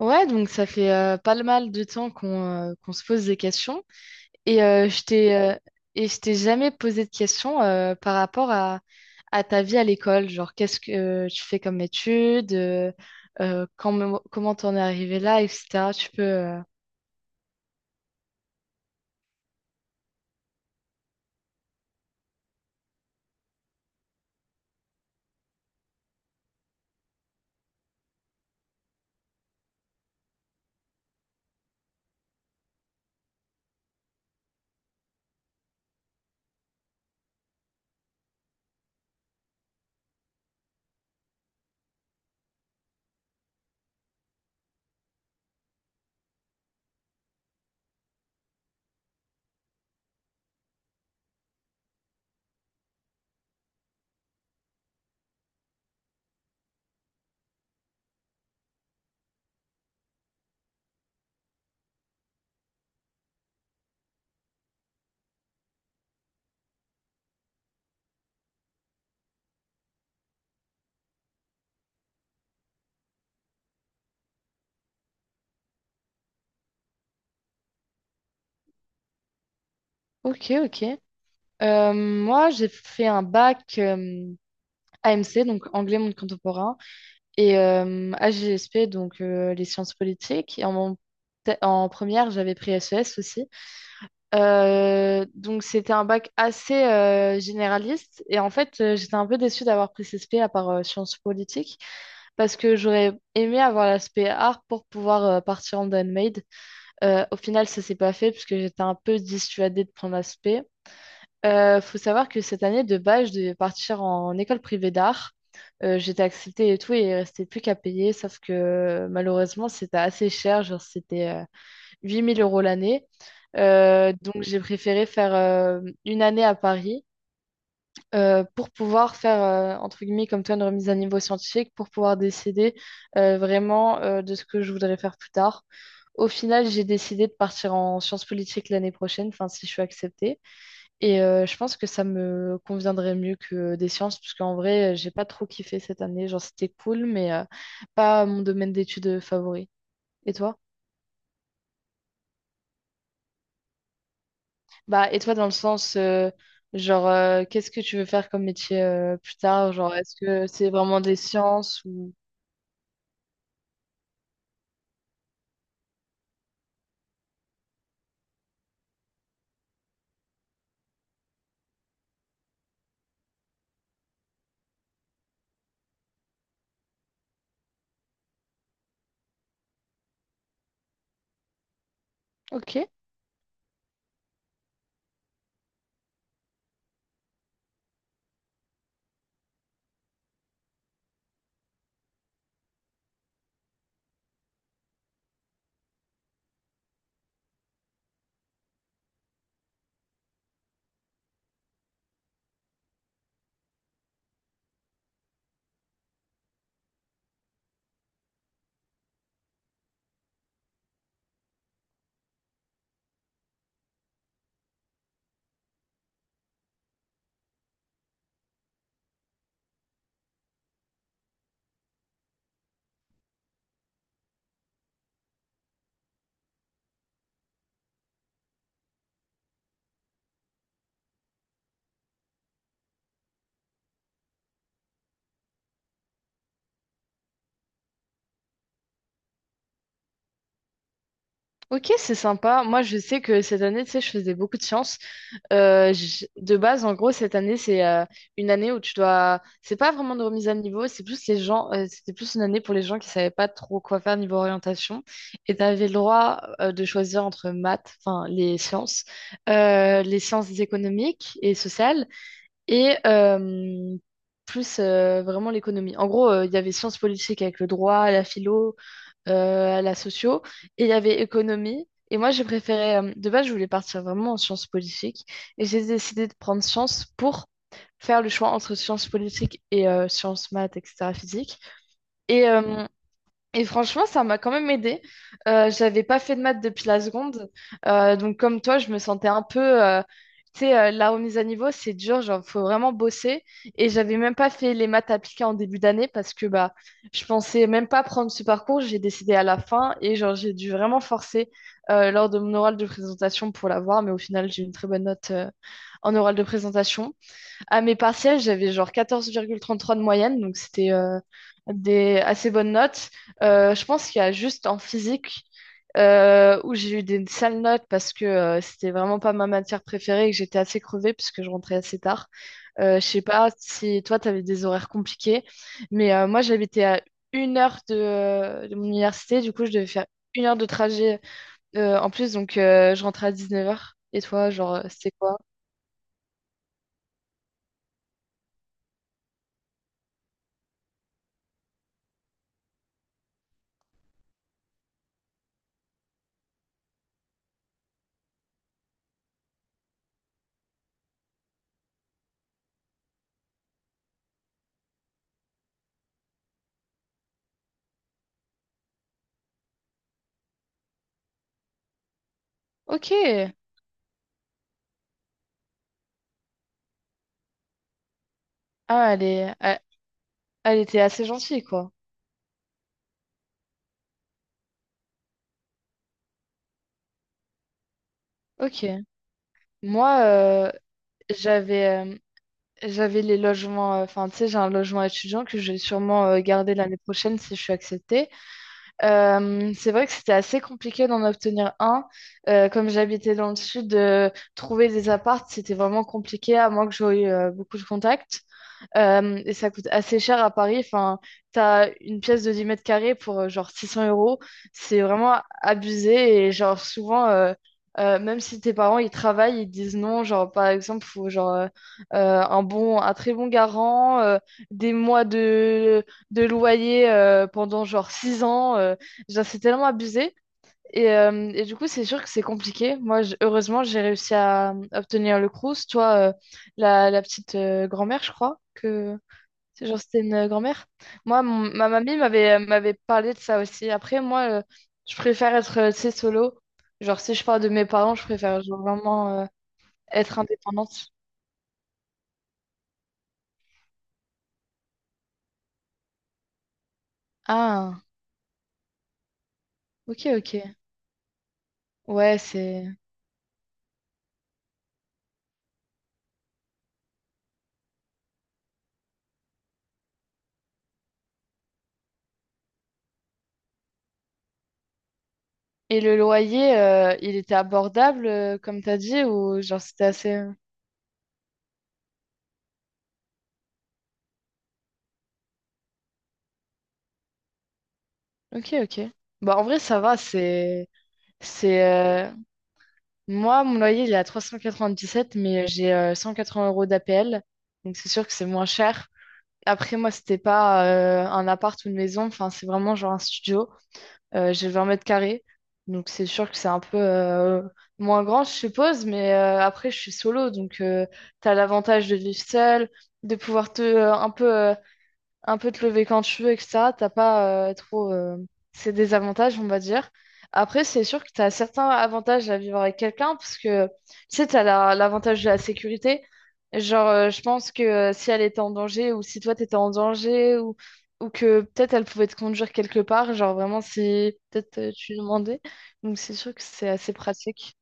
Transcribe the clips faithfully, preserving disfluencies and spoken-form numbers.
Ouais, donc ça fait euh, pas le mal de temps qu'on euh, qu'on se pose des questions. Et euh, je t'ai euh, et je t'ai jamais posé de questions euh, par rapport à, à ta vie à l'école. Genre, qu'est-ce que euh, tu fais comme études, euh, euh, quand- comment t'en es arrivé là, et cetera. Tu peux. euh, Ok, ok. Euh, moi, j'ai fait un bac euh, A M C, donc anglais monde contemporain, et euh, A G S P, donc euh, les sciences politiques. Et en, mon- en première, j'avais pris S E S aussi. Euh, donc c'était un bac assez euh, généraliste, et en fait euh, j'étais un peu déçue d'avoir pris C S P à part euh, sciences politiques, parce que j'aurais aimé avoir l'aspect art pour pouvoir euh, partir en handmade. Euh, au final, ça s'est pas fait puisque j'étais un peu dissuadée de prendre l'aspect. Euh, faut savoir que cette année de base je devais partir en école privée d'art. Euh, j'étais acceptée et tout, et il restait plus qu'à payer, sauf que malheureusement c'était assez cher, genre c'était euh, huit mille euros l'année. Euh, donc j'ai préféré faire euh, une année à Paris euh, pour pouvoir faire, euh, entre guillemets, comme toi, une remise à niveau scientifique, pour pouvoir décider euh, vraiment euh, de ce que je voudrais faire plus tard. Au final, j'ai décidé de partir en sciences politiques l'année prochaine, enfin si je suis acceptée. Et euh, je pense que ça me conviendrait mieux que des sciences, parce qu'en vrai, euh, j'ai pas trop kiffé cette année. Genre, c'était cool, mais euh, pas mon domaine d'études favori. Et toi? Bah, et toi, dans le sens, euh, genre, euh, qu'est-ce que tu veux faire comme métier euh, plus tard? Genre, est-ce que c'est vraiment des sciences ou... Ok, ok, c'est sympa. Moi, je sais que cette année, tu sais, je faisais beaucoup de sciences. Euh, j- de base, en gros, cette année, c'est euh, une année où tu dois... C'est pas vraiment de remise à niveau, c'est plus les gens... euh, c'était plus une année pour les gens qui savaient pas trop quoi faire niveau orientation. Et tu avais le droit euh, de choisir entre maths, enfin, les sciences, euh, les sciences économiques et sociales, et euh, plus euh, vraiment l'économie. En gros, euh, il y avait sciences politiques avec le droit, la philo, euh, la socio, et il y avait économie. Et moi, j'ai préféré, euh, de base, je voulais partir vraiment en sciences politiques, et j'ai décidé de prendre sciences pour faire le choix entre sciences politiques et euh, sciences maths, et cetera, physique. Et euh, et franchement, ça m'a quand même aidé. Euh, j'avais pas fait de maths depuis la seconde. Euh, donc, comme toi, je me sentais un peu. euh, tu sais, euh, la remise à niveau, c'est dur, genre, faut vraiment bosser. Et j'avais même pas fait les maths appliquées en début d'année parce que bah, je pensais même pas prendre ce parcours. J'ai décidé à la fin et genre, j'ai dû vraiment forcer euh, lors de mon oral de présentation pour l'avoir. Mais au final, j'ai eu une très bonne note euh, en oral de présentation. À mes partiels, j'avais genre quatorze virgule trente-trois de moyenne, donc c'était euh, des assez bonnes notes. Euh, je pense qu'il y a juste en physique euh, où j'ai eu des sales notes parce que euh, c'était vraiment pas ma matière préférée et que j'étais assez crevée puisque je rentrais assez tard. Euh, je sais pas si toi, tu avais des horaires compliqués, mais euh, moi, j'habitais à une heure de, de mon université, du coup, je devais faire une heure de trajet euh, en plus, donc euh, je rentrais à dix-neuf heures. Et toi, genre, c'était quoi? Ok. Ah, elle est, elle Elle était assez gentille, quoi. Ok. Moi, euh, j'avais euh, j'avais les logements. euh, Enfin, tu sais, j'ai un logement étudiant que je vais sûrement euh, garder l'année prochaine si je suis acceptée. Euh, c'est vrai que c'était assez compliqué d'en obtenir un. Euh, comme j'habitais dans le sud, euh, trouver des apparts, c'était vraiment compliqué, à moins que j'aie eu euh, beaucoup de contacts. Euh, et ça coûte assez cher à Paris. Enfin, t'as une pièce de dix mètres carrés pour euh, genre six cents euros. C'est vraiment abusé. Et genre, souvent, euh, euh, même si tes parents ils travaillent, ils disent non. Genre, par exemple, faut genre euh, euh, un bon, un très bon garant, euh, des mois de, de loyer euh, pendant genre six ans. euh, genre, c'est tellement abusé. Et, euh, et du coup, c'est sûr que c'est compliqué. Moi, j- heureusement, j'ai réussi à euh, obtenir le Crous. Toi, euh, la, la petite euh, grand-mère, je crois que. C'est genre, c'était une euh, grand-mère. Moi, mon- ma mamie m'avait euh, m'avait parlé de ça aussi. Après, moi, euh, je préfère être, euh, tu sais, solo. Genre, si je parle de mes parents, je préfère genre, vraiment euh, être indépendante. Ah, ok, ok. Ouais, c'est... Et le loyer, euh, il était abordable, euh, comme t'as dit, ou genre, c'était assez... euh, Ok, ok. Bah, en vrai, ça va, c'est... C'est... euh, Moi, mon loyer, il est à trois cent quatre-vingt-dix-sept, mais j'ai euh, cent quatre-vingts euros d'A P L. Donc, c'est sûr que c'est moins cher. Après, moi, c'était pas euh, un appart ou une maison. Enfin, c'est vraiment genre un studio. Euh, j'ai vingt mètres carrés. Donc, c'est sûr que c'est un peu euh, moins grand, je suppose. Mais euh, après, je suis solo. Donc, tu as l'avantage de vivre seul, de pouvoir te, euh, un peu euh, un peu te lever quand tu veux, et cetera. T'as pas euh, trop euh, ces désavantages, on va dire. Après, c'est sûr que tu as certains avantages à vivre avec quelqu'un, parce que tu sais, tu as l'avantage de la sécurité. Genre, euh, je pense que euh, si elle était en danger, ou si toi t'étais en danger, ou, ou que peut-être elle pouvait te conduire quelque part, genre vraiment si peut-être euh, tu lui demandais. Donc, c'est sûr que c'est assez pratique.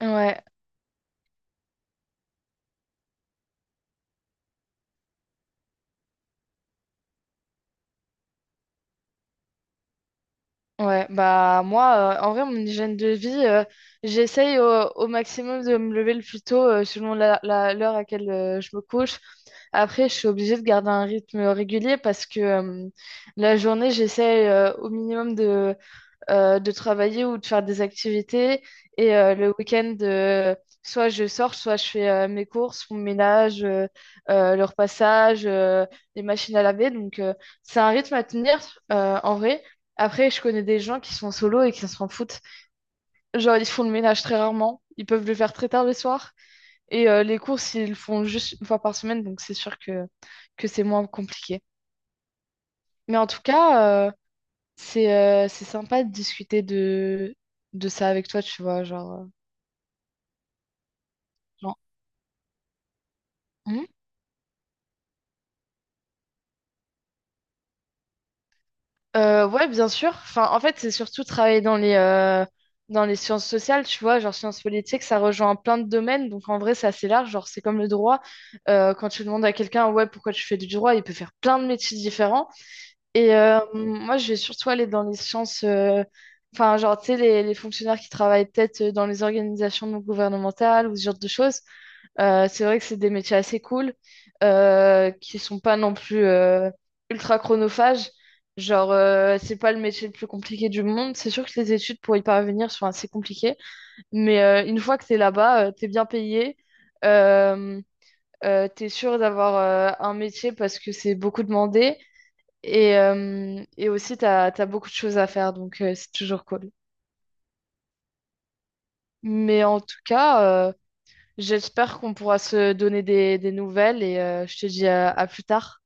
Ouais, ouais, bah moi, euh, en vrai, mon hygiène de vie, euh, j'essaye au, au maximum de me lever le plus tôt euh, selon la, la- l'heure à laquelle euh, je me couche. Après, je suis obligée de garder un rythme régulier, parce que euh, la journée, j'essaye euh, au minimum de euh, de travailler ou de faire des activités. Et euh, le week-end, euh, soit je sors, soit je fais euh, mes courses, mon ménage, euh, euh, le repassage, euh, les machines à laver. Donc, euh, c'est un rythme à tenir euh, en vrai. Après, je connais des gens qui sont solo et qui s'en foutent. Genre, ils font le ménage très rarement. Ils peuvent le faire très tard le soir. Et euh, les courses, ils le font juste une fois par semaine. Donc, c'est sûr que, que c'est moins compliqué. Mais en tout cas, euh, c'est euh, c'est sympa de discuter de, de ça avec toi, tu vois, genre... euh, genre, Hmm. Euh, ouais, bien sûr. Enfin, en fait, c'est surtout travailler dans les, euh, dans les sciences sociales, tu vois, genre sciences politiques, ça rejoint plein de domaines, donc en vrai, c'est assez large, genre c'est comme le droit. Euh, quand tu demandes à quelqu'un, ouais, pourquoi tu fais du droit, il peut faire plein de métiers différents. Et euh, moi, je vais surtout aller dans les sciences... euh, Enfin, genre, tu sais, les, les fonctionnaires qui travaillent peut-être dans les organisations non gouvernementales ou ce genre de choses. Euh, c'est vrai que c'est des métiers assez cool, euh, qui sont pas non plus euh, ultra chronophages. Genre, euh, c'est pas le métier le plus compliqué du monde. C'est sûr que les études pour y parvenir sont assez compliquées, mais euh, une fois que t'es là-bas, euh, t'es bien payé, euh, euh, t'es sûr d'avoir euh, un métier parce que c'est beaucoup demandé, et, euh, et aussi t'as, t'as beaucoup de choses à faire, donc euh, c'est toujours cool. Mais en tout cas, euh, j'espère qu'on pourra se donner des, des nouvelles, et euh, je te dis à à plus tard.